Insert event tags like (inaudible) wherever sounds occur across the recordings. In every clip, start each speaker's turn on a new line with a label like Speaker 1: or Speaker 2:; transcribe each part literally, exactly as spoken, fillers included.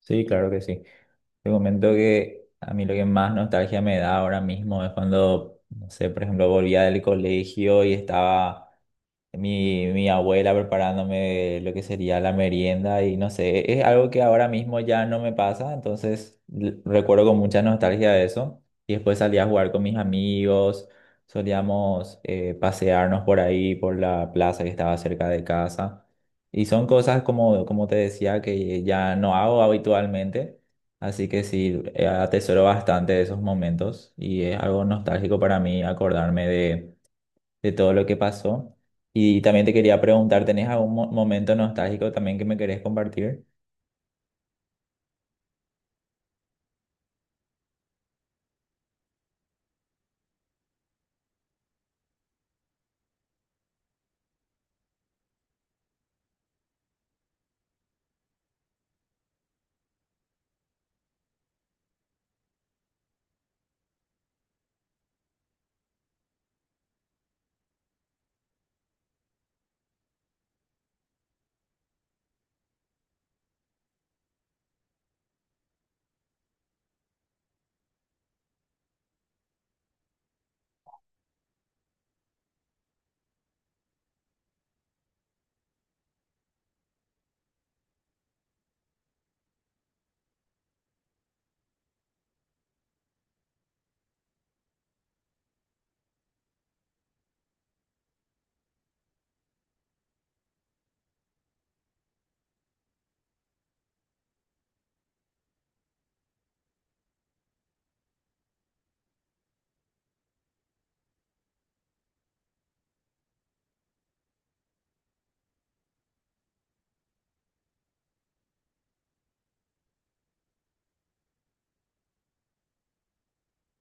Speaker 1: Sí, claro que sí. Te comento que a mí lo que más nostalgia me da ahora mismo es cuando, no sé, por ejemplo, volvía del colegio y estaba mi, mi abuela preparándome lo que sería la merienda y no sé, e-, es algo que ahora mismo ya no me pasa, entonces l- recuerdo con mucha nostalgia eso. Y después salía a jugar con mis amigos, solíamos eh, pasearnos por ahí, por la plaza que estaba cerca de casa. Y son cosas como, como te decía que ya no hago habitualmente, así que sí, eh, atesoro bastante esos momentos y es algo nostálgico para mí acordarme de todo lo que pasó. Y también te quería preguntar, ¿tenés algún mo- momento nostálgico también que me querés compartir?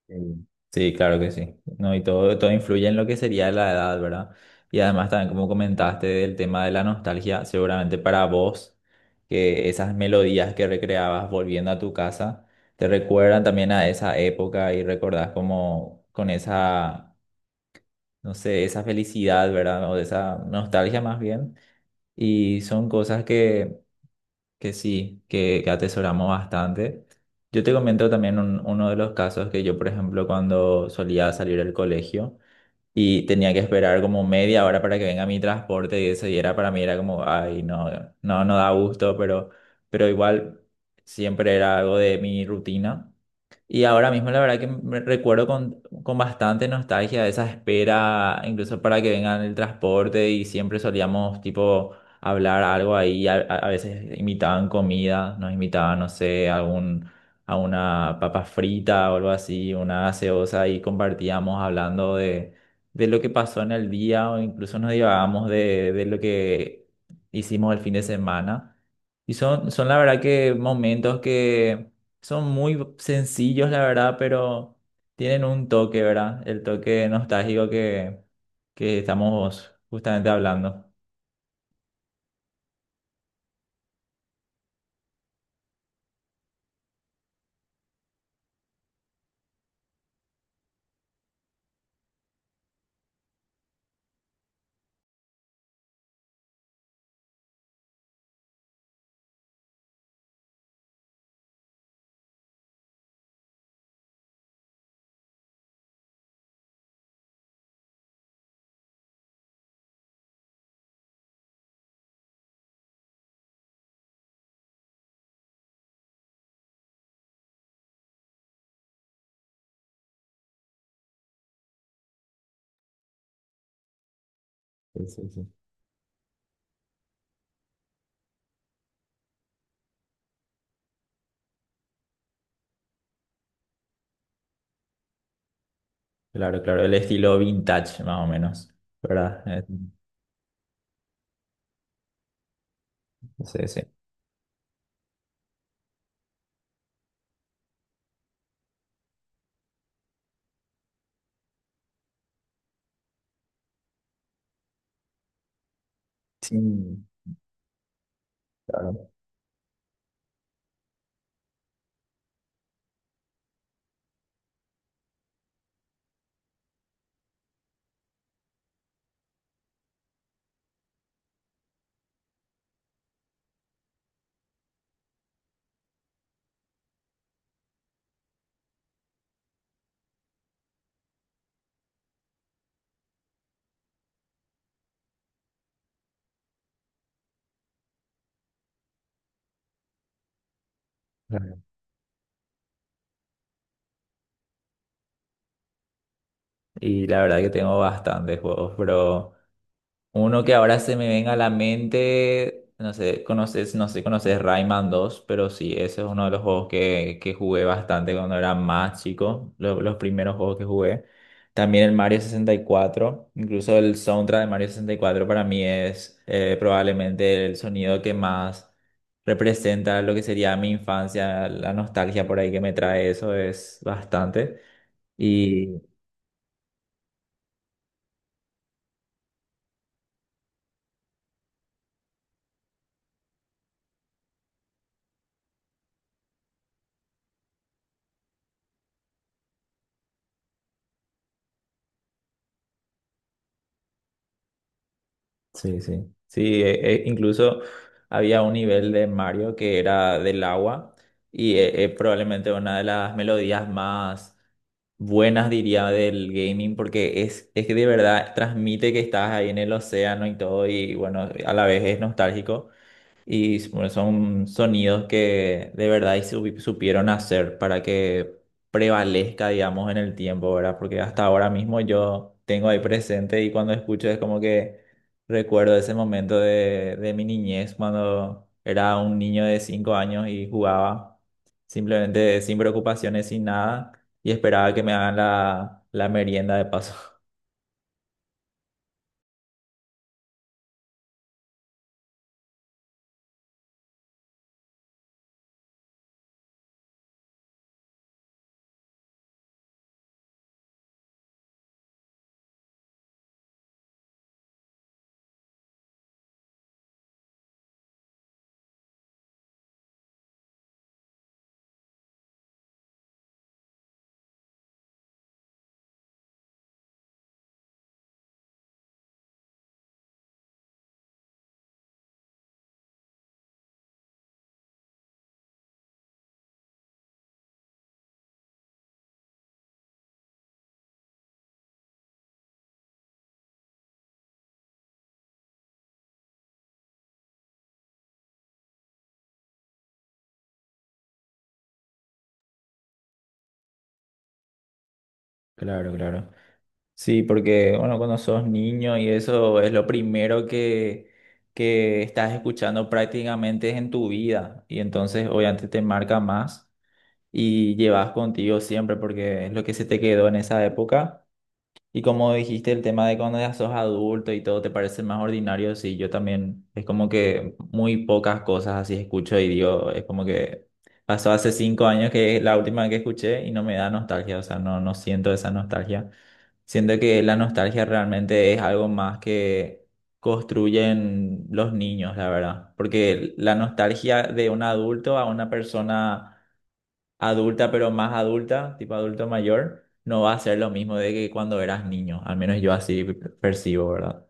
Speaker 1: Sí. Sí, claro que sí. No, y todo, todo influye en lo que sería la edad, ¿verdad? Y además también como comentaste del tema de la nostalgia, seguramente para vos, que esas melodías que recreabas volviendo a tu casa, te recuerdan también a esa época y recordás como con esa, no sé, esa felicidad, ¿verdad? O de esa nostalgia más bien. Y son cosas que que sí, que, que atesoramos bastante. Yo te comento también un- uno de los casos que yo, por ejemplo, cuando solía salir del colegio y tenía que esperar como media hora para que venga mi transporte y eso, y era para mí era como, ay, no, no, no da gusto, pero, pero igual siempre era algo de mi rutina. Y ahora mismo la verdad que me recuerdo con, con bastante nostalgia de esa espera, incluso para que vengan el transporte y siempre solíamos tipo hablar algo ahí, a, a- a veces imitaban comida, nos imitaban, no sé, algún, a una papa frita o algo así, una gaseosa y compartíamos hablando de, de lo que pasó en el día o incluso nos divagábamos de, de lo que hicimos el fin de semana. Y son, son la verdad que momentos que son muy sencillos, la verdad, pero tienen un toque, ¿verdad? El toque nostálgico que, que estamos justamente hablando. Sí, sí, sí. Claro, claro, el estilo vintage, más o menos, ¿verdad? Eh, Sí, sí. Sí, claro. Claro. Y la verdad que tengo bastantes juegos, pero... Uno que ahora se me venga a la mente, no sé, conoces, no sé, si conoces Rayman dos, pero sí, ese es uno de los juegos que, que jugué bastante cuando era más chico, lo- los primeros juegos que jugué. También el Mario sesenta y cuatro, incluso el soundtrack de Mario sesenta y cuatro para mí es eh, probablemente el sonido que más representa lo que sería mi infancia, la nostalgia por ahí que me trae eso es bastante. Y sí, sí. Sí, e- e incluso había un nivel de Mario que era del agua y e- es probablemente una de las melodías más buenas, diría, del gaming porque es, es que de verdad transmite que estás ahí en el océano y todo y bueno, a la vez es nostálgico. Y bueno, son sonidos que de verdad y supi- supieron hacer para que prevalezca, digamos, en el tiempo, ¿verdad? Porque hasta ahora mismo yo tengo ahí presente y cuando escucho es como que recuerdo ese momento de, de mi niñez, cuando era un niño de cinco años y jugaba simplemente sin preocupaciones, sin nada, y esperaba que me hagan la, la merienda de paso. (laughs) Claro, claro. Sí, porque bueno, cuando sos niño y eso es lo primero que, que estás escuchando prácticamente en tu vida y entonces obviamente te marca más y llevas contigo siempre porque es lo que se te quedó en esa época y como dijiste el tema de cuando ya sos adulto y todo te parece más ordinario, sí, yo también es como que muy pocas cosas así escucho y digo, es como que pasó hace cinco años que es la última que escuché y no me da nostalgia, o sea, no, no siento esa nostalgia. Siento que la nostalgia realmente es algo más que construyen los niños, la verdad. Porque la nostalgia de un adulto a una persona adulta, pero más adulta, tipo adulto mayor, no va a ser lo mismo de que cuando eras niño. Al menos yo así per- percibo, ¿verdad?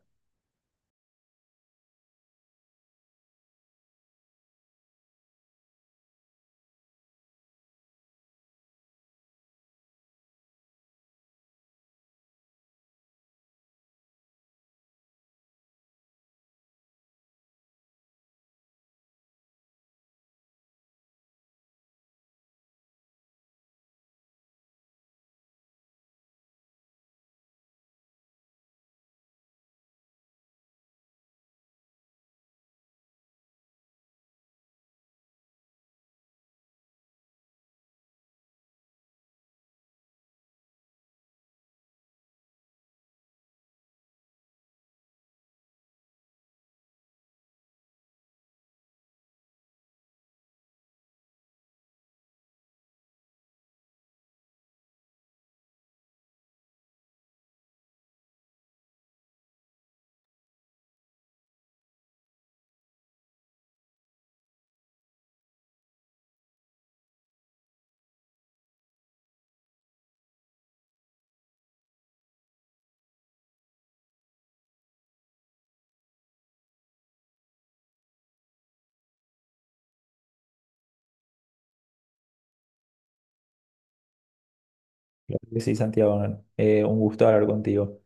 Speaker 1: Claro que sí, Santiago. ¿No? Eh, un gusto hablar contigo.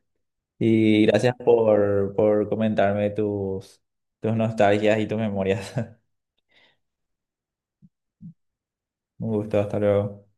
Speaker 1: Y gracias por, por comentarme tus, tus nostalgias y tus memorias. (laughs) Un gusto, hasta luego.